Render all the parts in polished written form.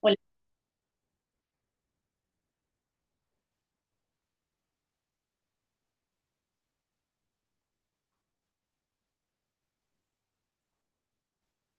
Hola,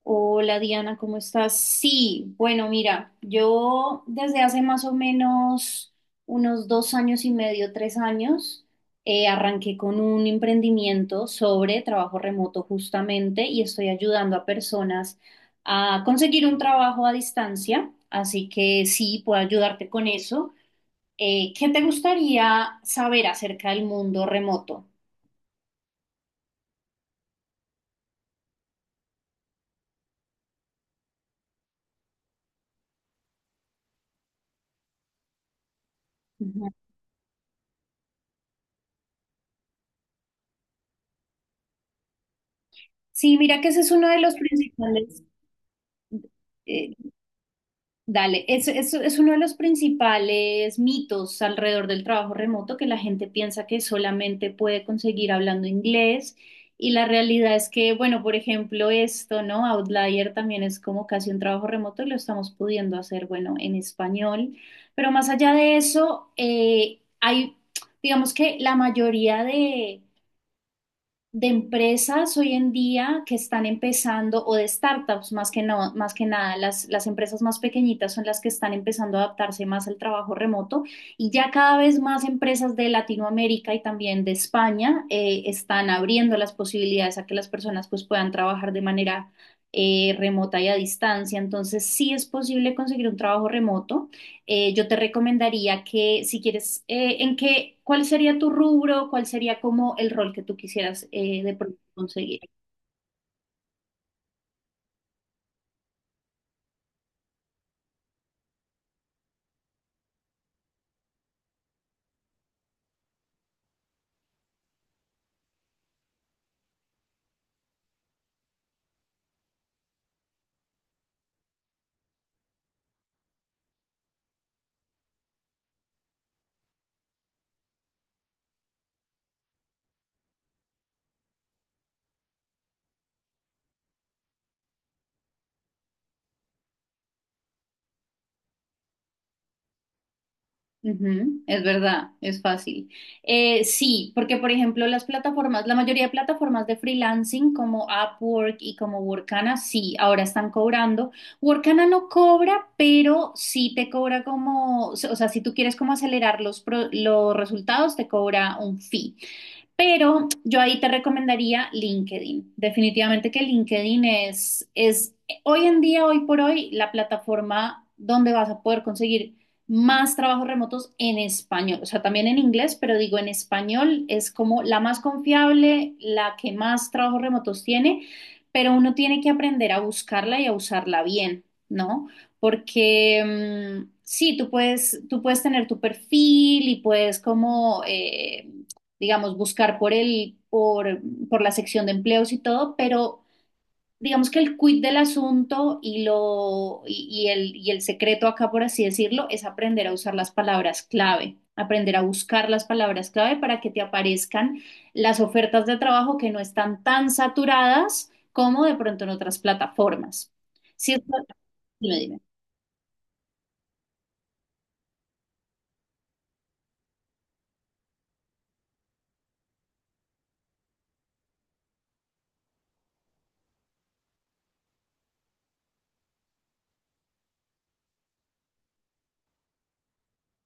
hola, Diana, ¿cómo estás? Sí, bueno, mira, yo desde hace más o menos unos 2 años y medio, 3 años, arranqué con un emprendimiento sobre trabajo remoto justamente y estoy ayudando a personas a conseguir un trabajo a distancia, así que sí, puedo ayudarte con eso. ¿Qué te gustaría saber acerca del mundo remoto? Ujú. Sí, mira que ese es uno de los principales eh, dale, es uno de los principales mitos alrededor del trabajo remoto, que la gente piensa que solamente puede conseguir hablando inglés. Y la realidad es que, bueno, por ejemplo, esto, ¿no? Outlier también es como casi un trabajo remoto y lo estamos pudiendo hacer, bueno, en español, pero más allá de eso, digamos que la mayoría de empresas hoy en día que están empezando, o de startups, más que no, más que nada, las empresas más pequeñitas son las que están empezando a adaptarse más al trabajo remoto, y ya cada vez más empresas de Latinoamérica y también de España están abriendo las posibilidades a que las personas pues puedan trabajar de manera remota y a distancia. Entonces sí es posible conseguir un trabajo remoto. Eh, Yo te recomendaría que si quieres, ¿cuál sería tu rubro? ¿Cuál sería como el rol que tú quisieras de pronto conseguir? Ujú, es verdad, es fácil. Sí, porque por ejemplo las plataformas, la mayoría de plataformas de freelancing como Upwork y como Workana, sí, ahora están cobrando. Workana no cobra, pero sí te cobra como, o sea, si tú quieres como acelerar los resultados, te cobra un fee. Pero yo ahí te recomendaría LinkedIn. Definitivamente que LinkedIn es hoy en día, hoy por hoy, la plataforma donde vas a poder conseguir más trabajos remotos en español. O sea, también en inglés, pero digo, en español es como la más confiable, la que más trabajos remotos tiene, pero uno tiene que aprender a buscarla y a usarla bien, ¿no? Porque sí, tú puedes tener tu perfil y puedes como... digamos, buscar por la sección de empleos y todo, pero digamos que el quid del asunto, y lo, y el secreto acá, por así decirlo, es aprender a usar las palabras clave, aprender a buscar las palabras clave para que te aparezcan las ofertas de trabajo que no están tan saturadas como de pronto en otras plataformas. Si esto- Dime, dime.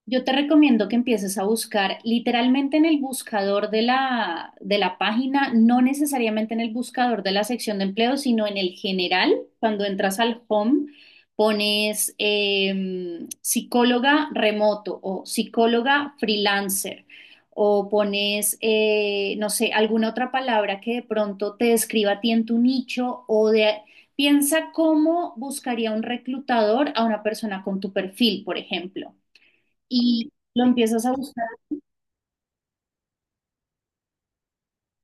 Yo te recomiendo que empieces a buscar literalmente en el buscador de la página, no necesariamente en el buscador de la sección de empleo, sino en el general. Cuando entras al home, pones psicóloga remoto o psicóloga freelancer, o pones, no sé, alguna otra palabra que de pronto te describa a ti en tu nicho o de... Piensa cómo buscaría un reclutador a una persona con tu perfil, por ejemplo, y lo empiezas a buscar.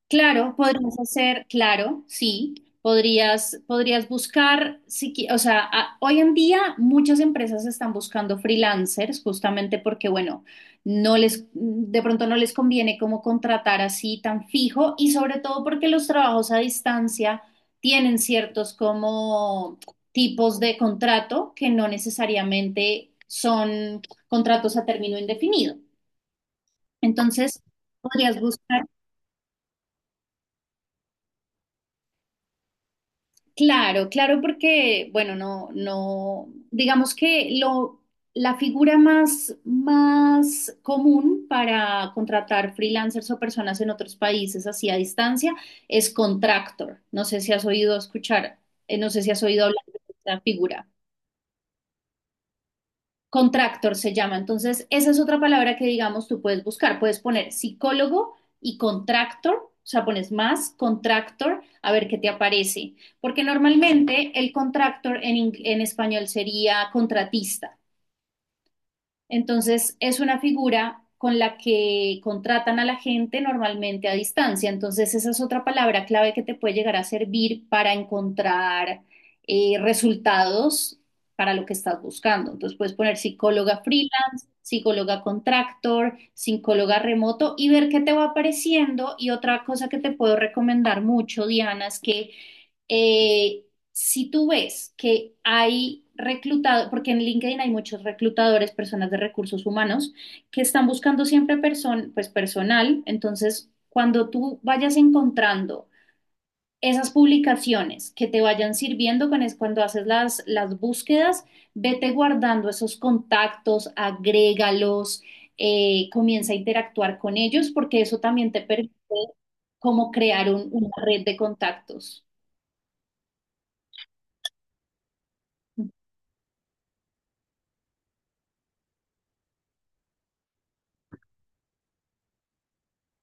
Claro, podrías hacer, claro, sí, podrías, podrías buscar, si qui- o sea, hoy en día muchas empresas están buscando freelancers justamente porque, bueno, de pronto no les conviene como contratar así tan fijo, y sobre todo porque los trabajos a distancia tienen ciertos como tipos de contrato que no necesariamente son contratos a término indefinido. Entonces, podrías buscar. Claro, claro, porque, bueno, no, no, digamos que lo, la figura más común para contratar freelancers o personas en otros países así a distancia es contractor. No sé si has oído escuchar, no sé si has oído hablar de esta figura. Contractor se llama. Entonces, esa es otra palabra que, digamos, tú puedes buscar. Puedes poner psicólogo y contractor, o sea, pones más contractor a ver qué te aparece. Porque normalmente el contractor en, en español sería contratista. Entonces, es una figura con la que contratan a la gente normalmente a distancia. Entonces, esa es otra palabra clave que te puede llegar a servir para encontrar resultados para lo que estás buscando. Entonces, puedes poner psicóloga freelance, psicóloga contractor, psicóloga remoto, y ver qué te va apareciendo. Y otra cosa que te puedo recomendar mucho, Diana, es que eh, si tú ves que hay reclutado, porque en LinkedIn hay muchos reclutadores, personas de recursos humanos, que están buscando siempre pues, personal, entonces cuando tú vayas encontrando esas publicaciones que te vayan sirviendo con es cuando haces las búsquedas, vete guardando esos contactos, agrégalos, comienza a interactuar con ellos, porque eso también te permite como crear una red de contactos.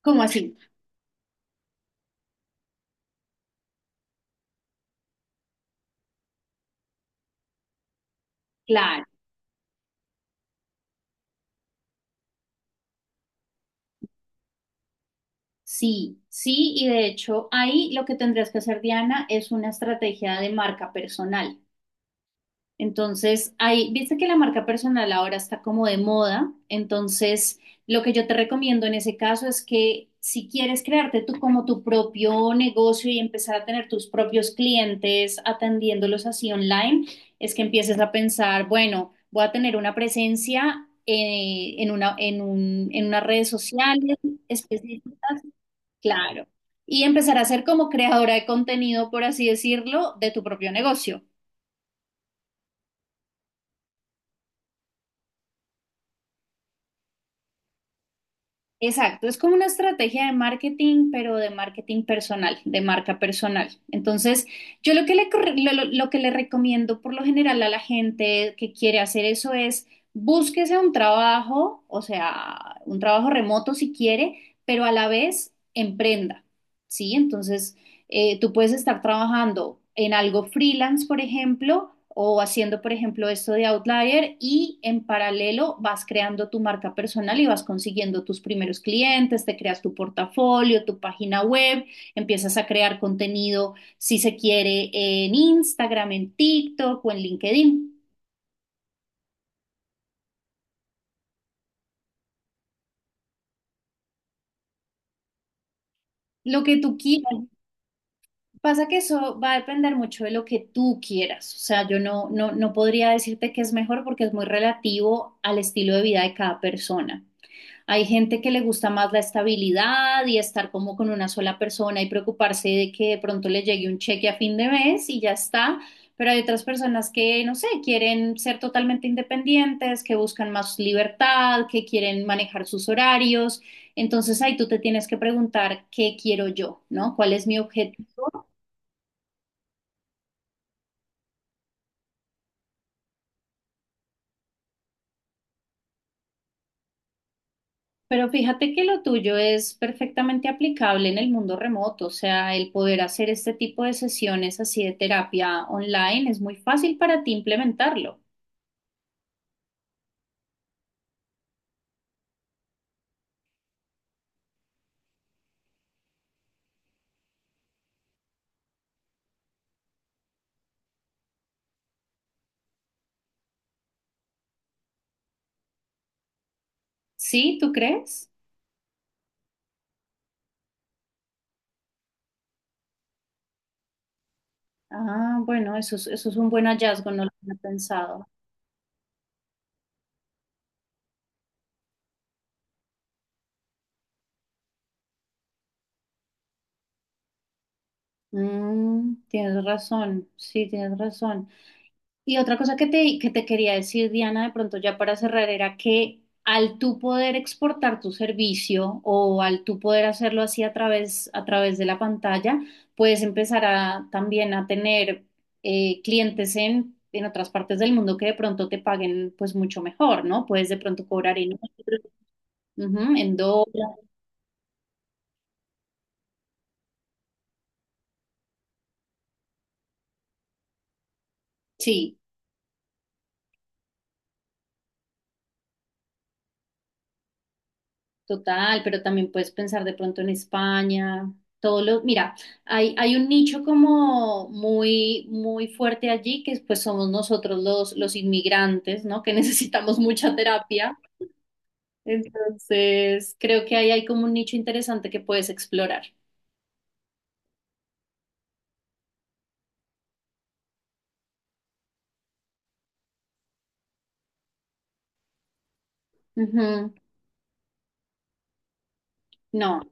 ¿Cómo así? Claro, sí, sí, y de hecho ahí lo que tendrías que hacer, Diana, es una estrategia de marca personal. Entonces, ahí, viste que la marca personal ahora está como de moda, entonces lo que yo te recomiendo en ese caso es que si quieres crearte tú como tu propio negocio y empezar a tener tus propios clientes atendiéndolos así online, es que empieces a pensar, bueno, voy a tener una presencia en unas redes sociales específicas. Claro. Y empezar a ser como creadora de contenido, por así decirlo, de tu propio negocio. Exacto, es como una estrategia de marketing, pero de marketing personal, de marca personal. Entonces, yo lo que le, corre- lo que le recomiendo por lo general a la gente que quiere hacer eso es: búsquese un trabajo, o sea, un trabajo remoto si quiere, pero a la vez emprenda, ¿sí? Entonces... tú puedes estar trabajando en algo freelance, por ejemplo, o haciendo, por ejemplo, esto de Outlier, y en paralelo vas creando tu marca personal y vas consiguiendo tus primeros clientes, te creas tu portafolio, tu página web, empiezas a crear contenido, si se quiere, en Instagram, en TikTok o en LinkedIn, lo que tú quieras. Pasa que eso va a depender mucho de lo que tú quieras. O sea, yo no, no, no podría decirte que es mejor porque es muy relativo al estilo de vida de cada persona. Hay gente que le gusta más la estabilidad y estar como con una sola persona y preocuparse de que de pronto le llegue un cheque a fin de mes y ya está. Pero hay otras personas que, no sé, quieren ser totalmente independientes, que buscan más libertad, que quieren manejar sus horarios. Entonces ahí tú te tienes que preguntar qué quiero yo, ¿no? ¿Cuál es mi objetivo? Pero fíjate que lo tuyo es perfectamente aplicable en el mundo remoto, o sea, el poder hacer este tipo de sesiones así de terapia online es muy fácil para ti implementarlo. ¿Sí? ¿Tú crees? Ah, bueno, eso es un buen hallazgo, no lo había pensado. Tienes razón, sí, tienes razón. Y otra cosa que te quería decir, Diana, de pronto ya para cerrar, era que al tú poder exportar tu servicio, o al tú poder hacerlo así a través, de la pantalla, puedes empezar a, también a tener clientes en, otras partes del mundo que de pronto te paguen pues mucho mejor, ¿no? Puedes de pronto cobrar en euros, ujú, en dólares. Sí. Total, pero también puedes pensar de pronto en España, todo lo, mira, hay un nicho como muy, muy fuerte allí, que pues somos nosotros los inmigrantes, ¿no? Que necesitamos mucha terapia. Entonces, creo que ahí hay como un nicho interesante que puedes explorar. Ujú. No.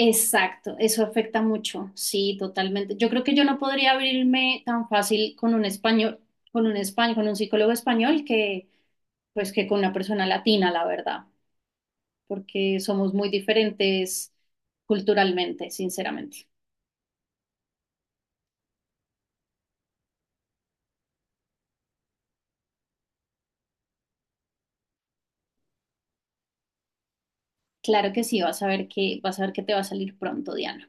Exacto, eso afecta mucho, sí, totalmente. Yo creo que yo no podría abrirme tan fácil con un español, con un psicólogo español, que, pues, que con una persona latina, la verdad, porque somos muy diferentes culturalmente, sinceramente. Claro que sí, vas a ver que te va a salir pronto, Diana.